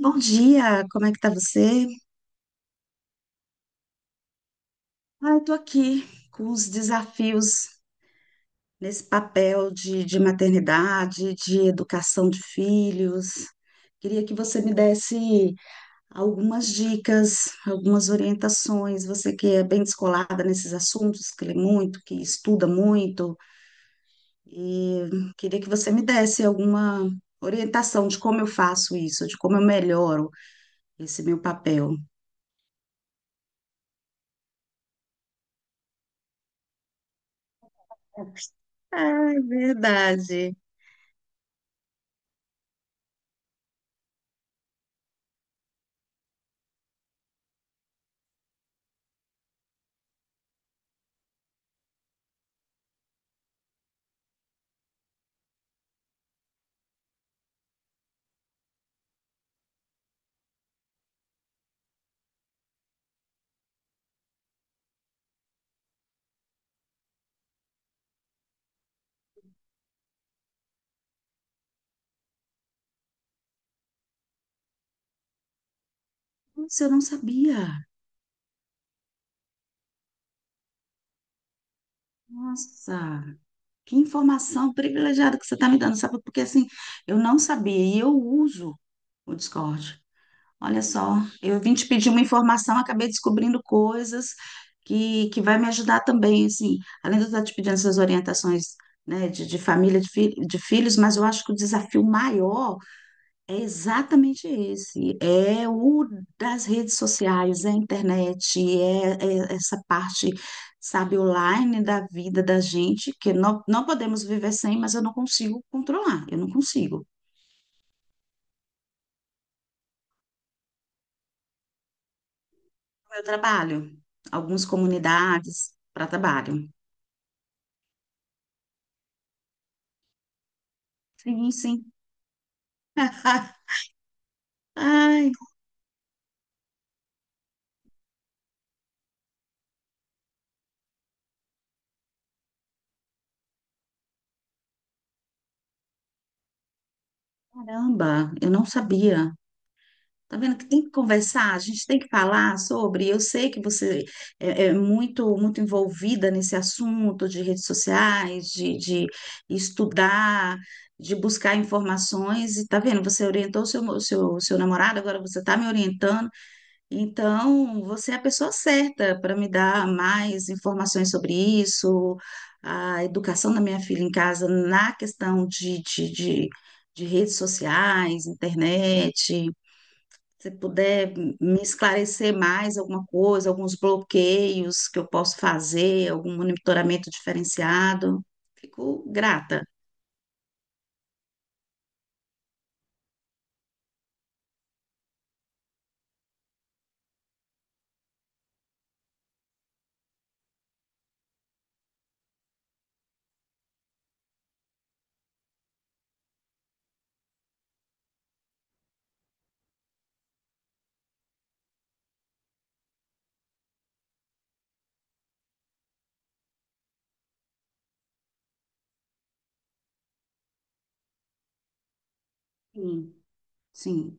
Bom dia, como é que tá você? Ah, eu tô aqui com os desafios nesse papel de maternidade, de educação de filhos. Queria que você me desse algumas dicas, algumas orientações. Você que é bem descolada nesses assuntos, que lê muito, que estuda muito, e queria que você me desse alguma orientação de como eu faço isso, de como eu melhoro esse meu papel. Ah, é verdade. Nossa, eu não sabia. Nossa, que informação privilegiada que você está me dando, sabe? Porque assim, eu não sabia e eu uso o Discord. Olha só, eu vim te pedir uma informação, acabei descobrindo coisas que vai me ajudar também, assim. Além de eu estar te pedindo essas orientações, né, de família, de filhos, mas eu acho que o desafio maior é exatamente esse. É o das redes sociais, é a internet, é essa parte, sabe, online da vida da gente, que não podemos viver sem, mas eu não consigo controlar, eu não consigo. Meu trabalho, algumas comunidades para trabalho. Sim, sim. Ai, caramba, eu não sabia. Tá vendo que tem que conversar, a gente tem que falar sobre. Eu sei que você é muito muito envolvida nesse assunto de redes sociais, de estudar, de buscar informações. E tá vendo? Você orientou o seu, o seu, o seu namorado, agora você está me orientando. Então, você é a pessoa certa para me dar mais informações sobre isso. A educação da minha filha em casa na questão de redes sociais, internet. Se puder me esclarecer mais alguma coisa, alguns bloqueios que eu posso fazer, algum monitoramento diferenciado, fico grata. Sim, sim.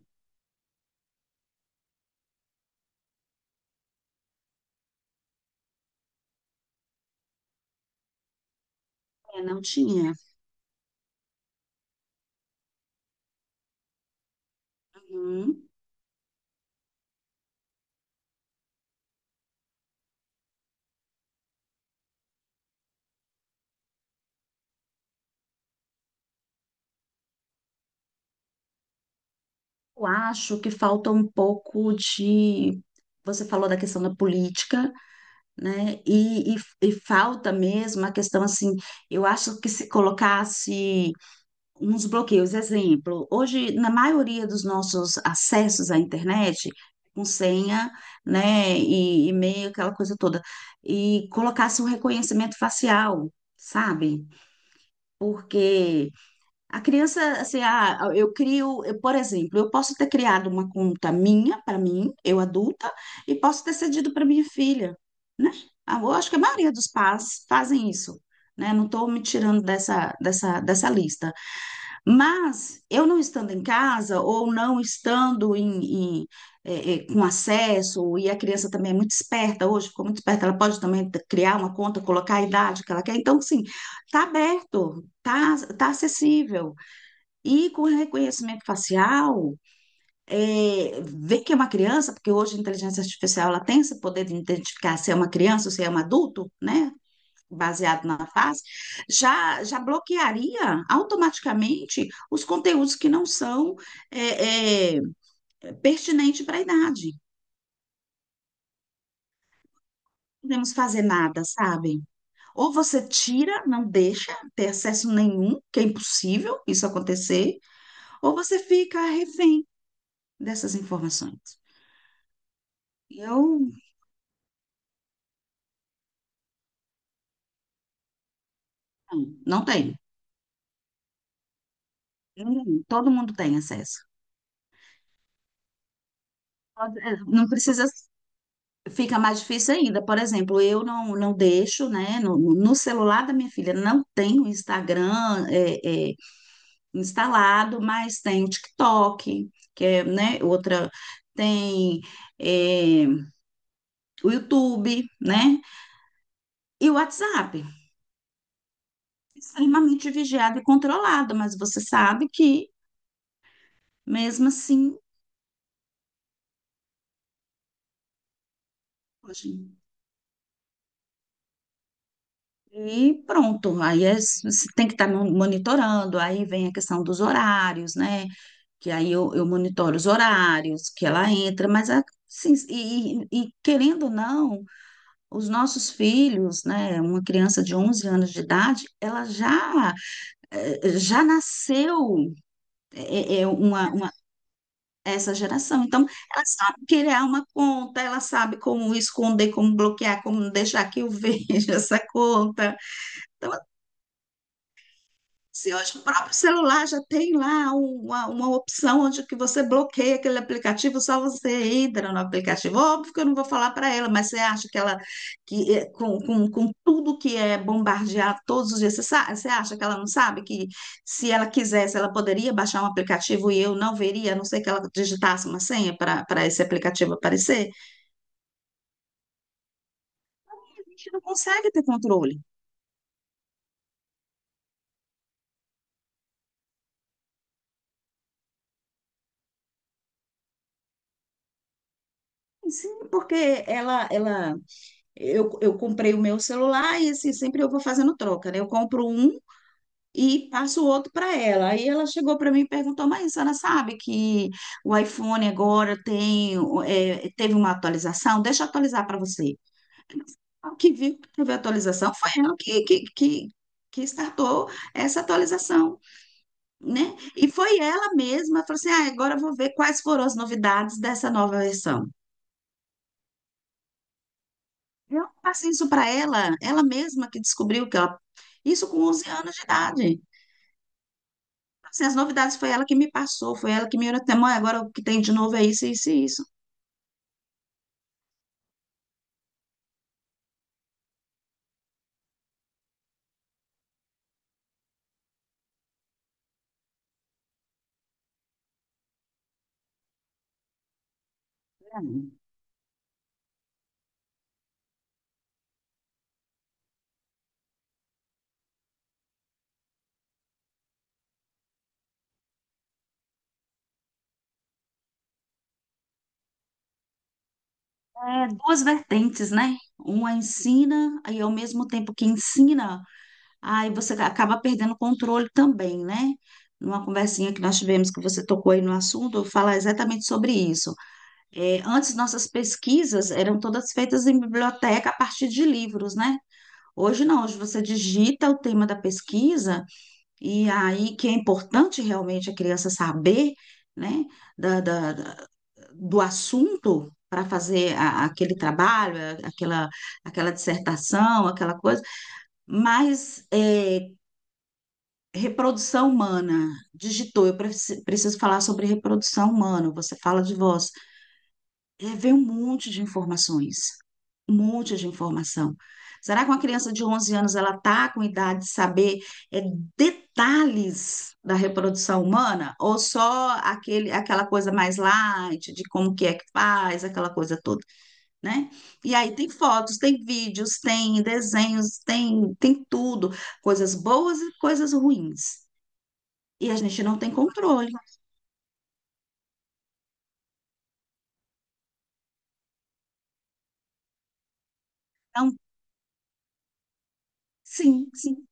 É, não tinha. Uhum. Eu acho que falta um pouco de. Você falou da questão da política, né? E falta mesmo a questão assim. Eu acho que se colocasse uns bloqueios. Exemplo, hoje, na maioria dos nossos acessos à internet, com senha, né, e e-mail, aquela coisa toda, e colocasse um reconhecimento facial, sabe? Porque a criança, assim, ah, eu crio, eu, por exemplo, eu posso ter criado uma conta minha, para mim, eu adulta, e posso ter cedido para minha filha, né? Ah, eu acho que a maioria dos pais fazem isso. Né? Não estou me tirando dessa, dessa lista. Mas eu não estando em casa ou não estando em, com acesso, e a criança também é muito esperta hoje, ficou muito esperta, ela pode também criar uma conta, colocar a idade que ela quer. Então, sim, está aberto, está acessível. E com reconhecimento facial, ver que é uma criança, porque hoje a inteligência artificial ela tem esse poder de identificar se é uma criança ou se é um adulto, né? Baseado na fase, já, já bloquearia automaticamente os conteúdos que não são é, é, pertinentes para a idade. Não podemos fazer nada, sabe? Ou você tira, não deixa ter acesso nenhum, que é impossível isso acontecer, ou você fica refém dessas informações. Eu não tenho. Todo mundo tem acesso. Não precisa. Fica mais difícil ainda. Por exemplo, eu não deixo, né? No celular da minha filha não tem o Instagram é, é, instalado, mas tem o TikTok, que é, né, outra. Tem é, o YouTube, né? E o WhatsApp. Extremamente vigiado e controlado, mas você sabe que, mesmo assim, hoje, e pronto, aí você tem que estar monitorando, aí vem a questão dos horários, né? Que aí eu monitoro os horários que ela entra, mas assim, e querendo ou não, os nossos filhos, né, uma criança de 11 anos de idade, ela já já nasceu é, é uma, essa geração, então ela sabe criar uma conta, ela sabe como esconder, como bloquear, como não deixar que eu veja essa conta. Então, sim, hoje o próprio celular já tem lá uma opção onde que você bloqueia aquele aplicativo, só você entra no aplicativo. Óbvio que eu não vou falar para ela, mas você acha que ela, que é, com tudo que é bombardeado todos os dias, você, você acha que ela não sabe que se ela quisesse, ela poderia baixar um aplicativo e eu não veria, a não ser que ela digitasse uma senha para para esse aplicativo aparecer? A gente não consegue ter controle. Sim, porque ela eu comprei o meu celular e assim, sempre eu vou fazendo troca, né? Eu compro um e passo o outro para ela. Aí ela chegou para mim e perguntou: Mas Ana sabe que o iPhone agora tem, é, teve uma atualização? Deixa eu atualizar para você. O que viu que teve atualização foi ela que startou essa atualização, né? E foi ela mesma, falou assim: ah, agora eu vou ver quais foram as novidades dessa nova versão. Eu não passei isso para ela, ela mesma que descobriu que ela. Isso com 11 anos de idade. Assim, as novidades foi ela que me passou, foi ela que me olhou até Mãe, agora o que tem de novo é isso, isso e isso. É, duas vertentes, né? Uma ensina, e ao mesmo tempo que ensina, aí você acaba perdendo o controle também, né? Numa conversinha que nós tivemos, que você tocou aí no assunto, eu falo exatamente sobre isso. É, antes, nossas pesquisas eram todas feitas em biblioteca a partir de livros, né? Hoje não, hoje você digita o tema da pesquisa e aí que é importante realmente a criança saber, né, da, da- da- do assunto para fazer aquele trabalho, aquela, aquela dissertação, aquela coisa, mas é, reprodução humana, digitou, eu preciso falar sobre reprodução humana, você fala de voz. É, vem um monte de informações, um monte de informação. Será que uma criança de 11 anos ela está com idade de saber é, detalhes da reprodução humana ou só aquele, aquela coisa mais light de como que é que faz, aquela coisa toda, né? E aí tem fotos, tem vídeos, tem desenhos, tem tudo, coisas boas e coisas ruins. E a gente não tem controle. Então, sim, sim.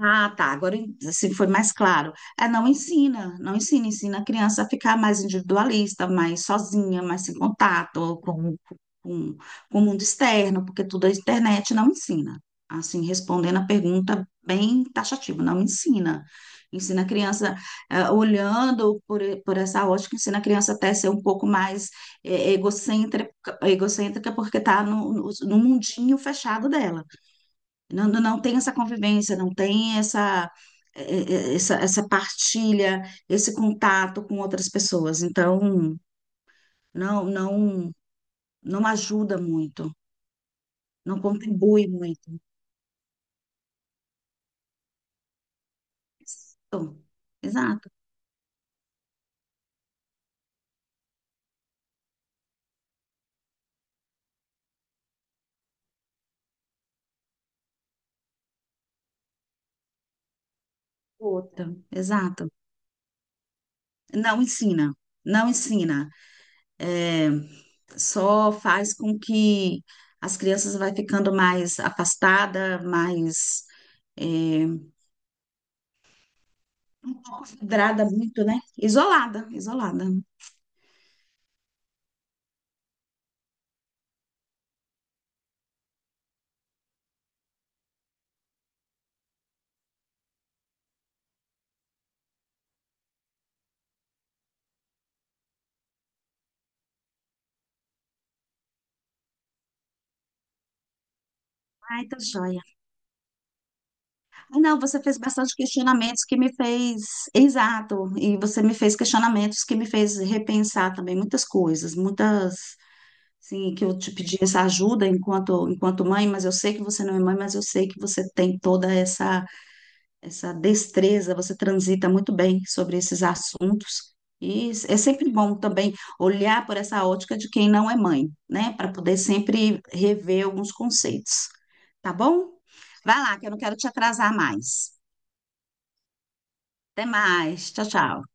Ah, tá. Agora assim foi mais claro. É, não ensina, não ensina, ensina a criança a ficar mais individualista, mais sozinha, mais sem contato com, com o mundo externo, porque tudo a internet não ensina. Assim, respondendo a pergunta bem taxativa, não ensina. Ensina a criança, olhando por, por essa ótica, ensina a criança até ser um pouco mais egocêntrica, egocêntrica porque está no no mundinho fechado dela. Não não tem essa convivência, não tem essa, essa, essa partilha, esse contato com outras pessoas. Então, não, não, não ajuda muito, não contribui muito. Exato, exato. Outra, exato. Não ensina, não ensina. Eh, só faz com que as crianças vai ficando mais afastada, mais, eh, um pouco vidrada muito, né? Isolada, isolada. Ai, tá joia. Ah, não, você fez bastante questionamentos que me fez, exato, e você me fez questionamentos que me fez repensar também muitas coisas, muitas, sim, que eu te pedi essa ajuda enquanto mãe, mas eu sei que você não é mãe, mas eu sei que você tem toda essa destreza, você transita muito bem sobre esses assuntos. E é sempre bom também olhar por essa ótica de quem não é mãe, né, para poder sempre rever alguns conceitos. Tá bom? Vai lá, que eu não quero te atrasar mais. Até mais. Tchau, tchau.